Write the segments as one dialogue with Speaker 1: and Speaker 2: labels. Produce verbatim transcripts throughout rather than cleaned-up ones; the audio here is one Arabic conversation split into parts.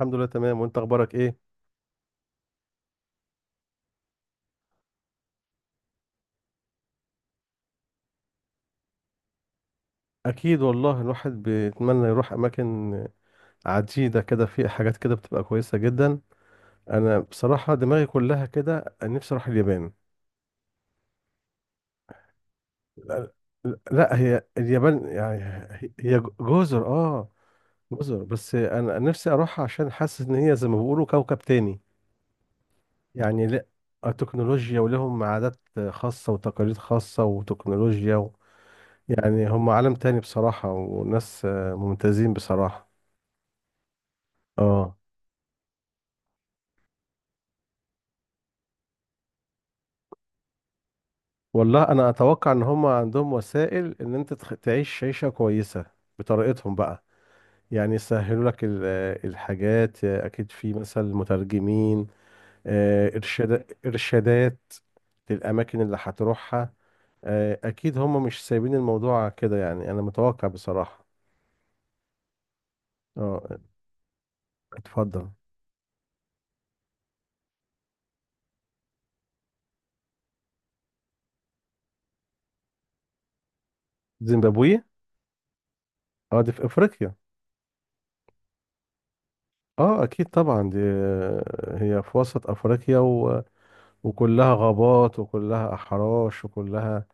Speaker 1: الحمد لله، تمام. وانت اخبارك ايه؟ اكيد والله، الواحد بيتمنى يروح اماكن عديده كده. في حاجات كده بتبقى كويسه جدا. انا بصراحه دماغي كلها كده، نفسي اروح اليابان. لا، لا، هي اليابان يعني. هي جزر، اه. جزر، بس انا نفسي اروح عشان حاسس ان هي زي ما بيقولوا كوكب تاني. يعني، لا. التكنولوجيا، ولهم عادات خاصه وتقاليد خاصه وتكنولوجيا و. يعني هم عالم تاني بصراحه، وناس آه، ممتازين بصراحه. اه، والله انا اتوقع ان هم عندهم وسائل ان انت تخ- تعيش عيشة كويسة بطريقتهم بقى. يعني يسهلوا لك ال- الحاجات، اكيد في مثلا مترجمين. آه، ارشاد ارشادات للاماكن اللي هتروحها. آه، اكيد هم مش سايبين الموضوع كده، يعني انا متوقع بصراحة. اه، اتفضل. زيمبابوي. اه، دي في افريقيا. اه، اكيد طبعا دي، هي في وسط افريقيا و. وكلها غابات وكلها احراش وكلها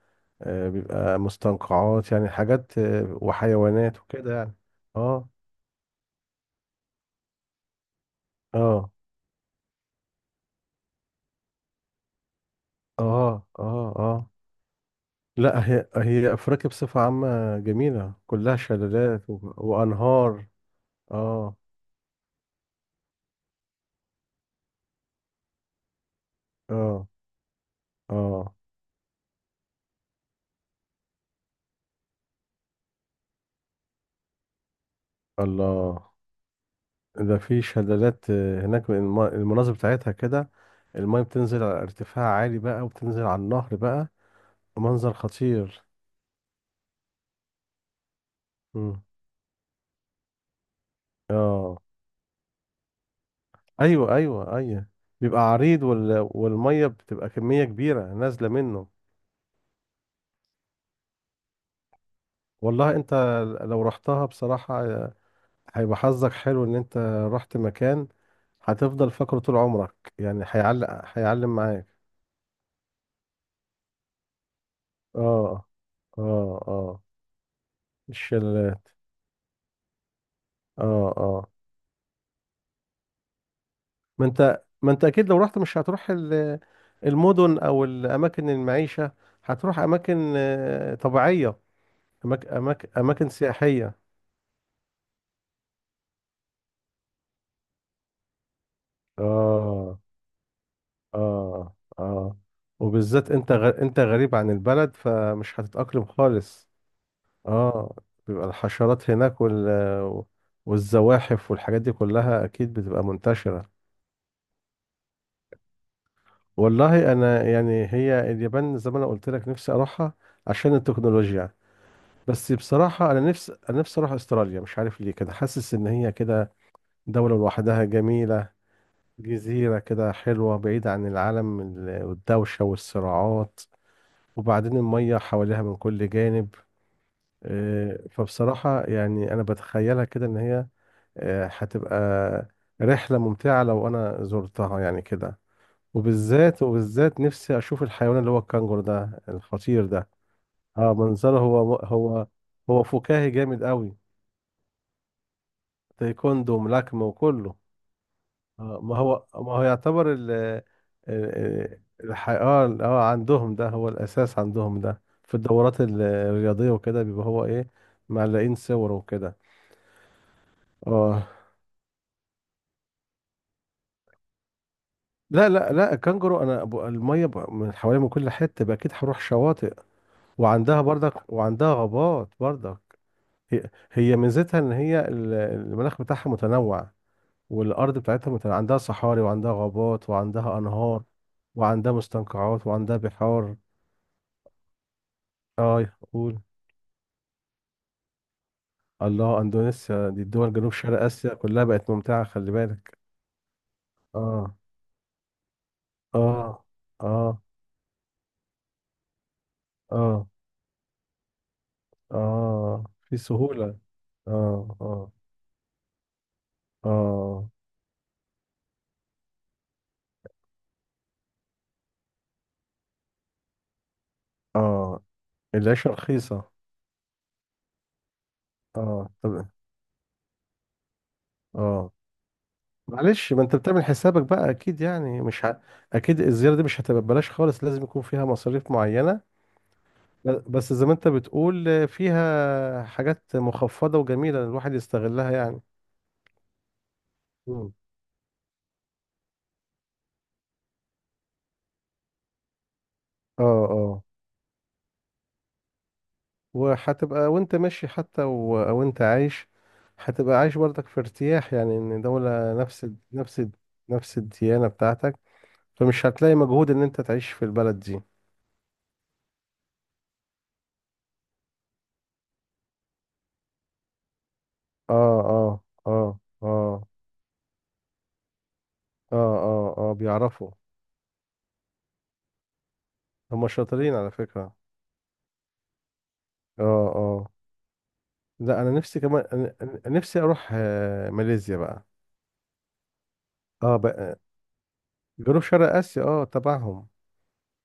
Speaker 1: آه، بيبقى مستنقعات، يعني حاجات آه، وحيوانات وكده يعني. اه، اه، اه، اه، اه. لا، هي هي افريقيا بصفة عامة جميلة، كلها شلالات و- وانهار. اه، اه، اه. الله. ده في شلالات آه، هناك، الم- المناظر بتاعتها كده. المايه بتنزل على ارتفاع عالي بقى، وبتنزل على النهر بقى. منظر خطير. مم. اه، ايوه، ايوه، ايوه. بيبقى عريض، وال... والميه بتبقى كميه كبيره نازله منه. والله انت، لو رحتها بصراحه هيبقى حظك حلو ان انت رحت مكان، هتفضل فاكره طول عمرك، يعني هيعلق هيعلم معاك. اه، اه، اه. الشلال. اه، اه. ما انت ما انت اكيد لو رحت مش هتروح ال- المدن او الاماكن المعيشه. هتروح اماكن آه، طبيعيه. أماك... أماك... اماكن سياحيه. اه، اه، اه. وبالذات انت غ... انت غريب عن البلد، فمش هتتأقلم خالص. اه، بيبقى الحشرات هناك وال... والزواحف والحاجات دي كلها اكيد بتبقى منتشرة. والله انا يعني، هي اليابان زي ما انا قلت لك نفسي اروحها عشان التكنولوجيا. بس بصراحة، انا نفسي انا نفسي اروح استراليا، مش عارف ليه كده، حاسس ان هي كده دولة لوحدها جميلة. جزيرة كده حلوة، بعيدة عن العالم ال- والدوشة والصراعات. وبعدين المية حواليها من كل جانب. آه، فبصراحة يعني أنا بتخيلها كده إن هي آه، هتبقى رحلة ممتعة لو أنا زرتها يعني كده. وبالذات وبالذات نفسي أشوف الحيوان اللي هو الكنجر ده الخطير ده. اه، منظره هو هو. هو فكاهي جامد قوي. تايكوندو وملاكمة وكله. آه، ما هو ما هو يعتبر ال ال- الحي... اه ال- اه عندهم ده هو الأساس، عندهم ده في الدورات ال- الرياضية وكده، بيبقى هو ايه. معلقين صور وكده. اه، لا، لا، لا، الكنجرو انا ب- الميه ب- من حوالي من كل حته، بقى اكيد هروح شواطئ. وعندها برضك، وعندها غابات برضك. هي, هي ميزتها ان هي ال- المناخ بتاعها متنوع. والارض بتاعتها متنوع. عندها صحاري وعندها غابات وعندها انهار. وعندها مستنقعات وعندها بحار. اه، قول. الله، اندونيسيا دي الدول جنوب شرق اسيا كلها بقت ممتعه، خلي بالك. اه، اه، اه، اه، اه. في سهوله. اه، اه، اه، اه. العيشه رخيصه. اه، طب، اه، معلش ما انت بتعمل حسابك بقى، اكيد يعني مش ه... اكيد الزياره دي مش هتبقى ببلاش خالص، لازم يكون فيها مصاريف معينه. ب- بس زي ما انت بتقول، آه، فيها حاجات مخفضه وجميله الواحد يستغلها يعني. مم. اه، اه. وهتبقى وانت ماشي حتى، و- او انت عايش. هتبقى عايش برضك في ارتياح، يعني ان دولة نفس ال- نفس ال- نفس الديانة بتاعتك. فمش هتلاقي مجهود ان انت تعيش في البلد دي. اه، اه، اه، اه، اه، اه، اه، بيعرفوا. هم شاطرين على فكرة. اه، اه. لا، انا نفسي كمان، أنا- أنا نفسي اروح آه، ماليزيا بقى. اه بقى. جنوب شرق اسيا اه تبعهم.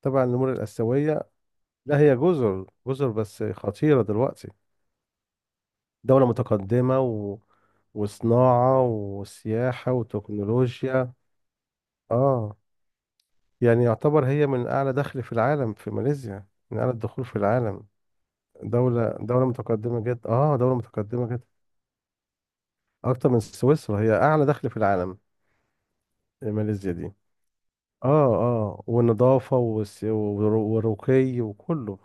Speaker 1: تبع النمور الاسيوية. لا، هي جزر جزر، بس خطيرة دلوقتي. دولة متقدمة و. وصناعة وسياحة وتكنولوجيا. اه، يعني يعتبر هي من أعلى دخل في العالم. في ماليزيا، من أعلى الدخول في العالم. دولة دولة متقدمة جدا، اه دولة متقدمة جدا. أكتر من سويسرا، هي أعلى دخل في العالم. ماليزيا دي. اه، اه، والنظافة والس- والرو- والرقي وكله.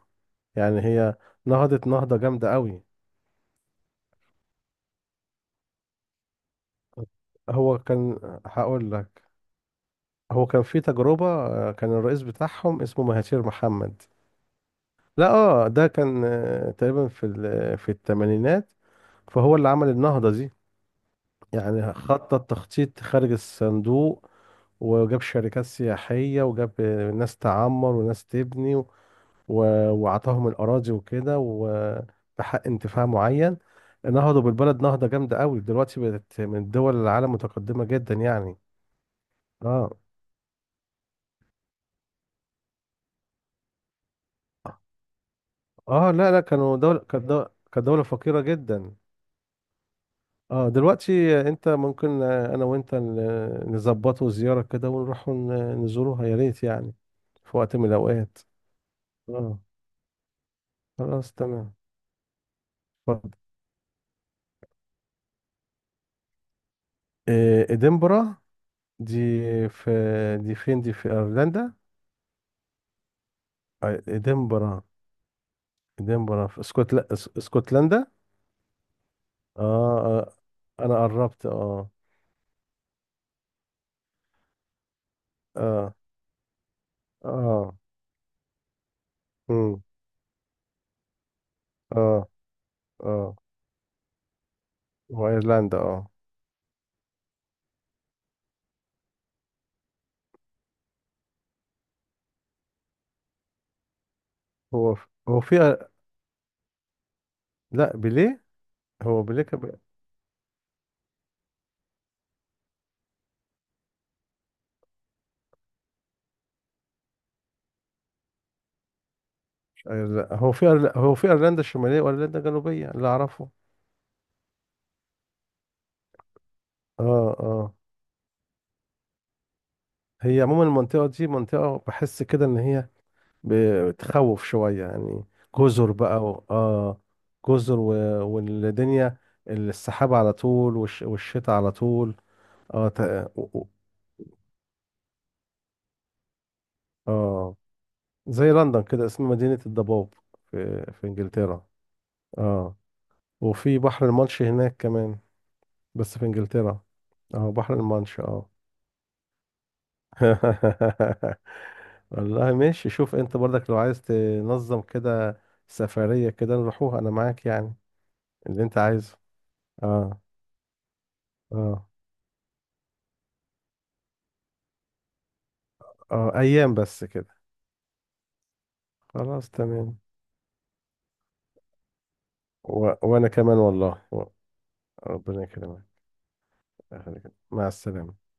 Speaker 1: يعني هي نهضت نهضة جامدة قوي. هو كان هقول لك. هو كان في تجربة، آه، كان الرئيس بتاعهم اسمه مهاتير محمد. لا، اه، ده كان آه، تقريبا في ال- في الثمانينات، فهو اللي عمل النهضة دي. يعني خطط تخطيط خارج الصندوق. وجاب شركات سياحية، وجاب آه، ناس تعمر وناس تبني و- وعطاهم الأراضي وكده، وبحق انتفاع معين. نهضوا بالبلد نهضة جامدة قوي، دلوقتي بقت من الدول العالم متقدمة جدا يعني. اه، اه. لا، لا، كانوا دولة كانت دو- كانت دولة فقيرة جدا. اه، دلوقتي انت ممكن، آه، انا وانت ن- نظبطوا زيارة كده، ونروح ن- نزوروها يا ريت يعني. في وقت من الاوقات. اه، خلاص تمام. اتفضل. آه، ادنبرا. دي في دي فين؟ دي في ايرلندا؟ آه، ادنبرا. ادنبرا في اسكتل... اس- اسكتلندا. اه. آه، انا قربت، اه. اه، اه. امم. اه، اه. وايرلندا، اه. هو في- هو في لا، بيليه. هو بيليه كان. أيوة، لا، هو في أيرل- هو في ايرلندا الشماليه وايرلندا الجنوبيه اللي اعرفه. اه، اه. هي عموما المنطقه دي منطقه، بحس كده ان هي بتخوف شويه يعني. جزر بقى و، اه جزر و. والدنيا، السحاب على طول، والش... والشتاء على طول. اه، ت... و- و- اه. زي لندن كده، اسم مدينه الضباب. في في انجلترا. اه. وفي بحر المانش هناك كمان. بس في انجلترا. اه، بحر المانش، اه. والله ماشي، شوف انت برضك لو عايز تنظم كده سفرية كده، نروحوها، انا معاك يعني. اللي انت عايزه. اه، اه، اه، ايام بس كده. خلاص تمام. و... وانا كمان والله، و. ربنا يكرمك. أهلا وسهلا. مع السلامة.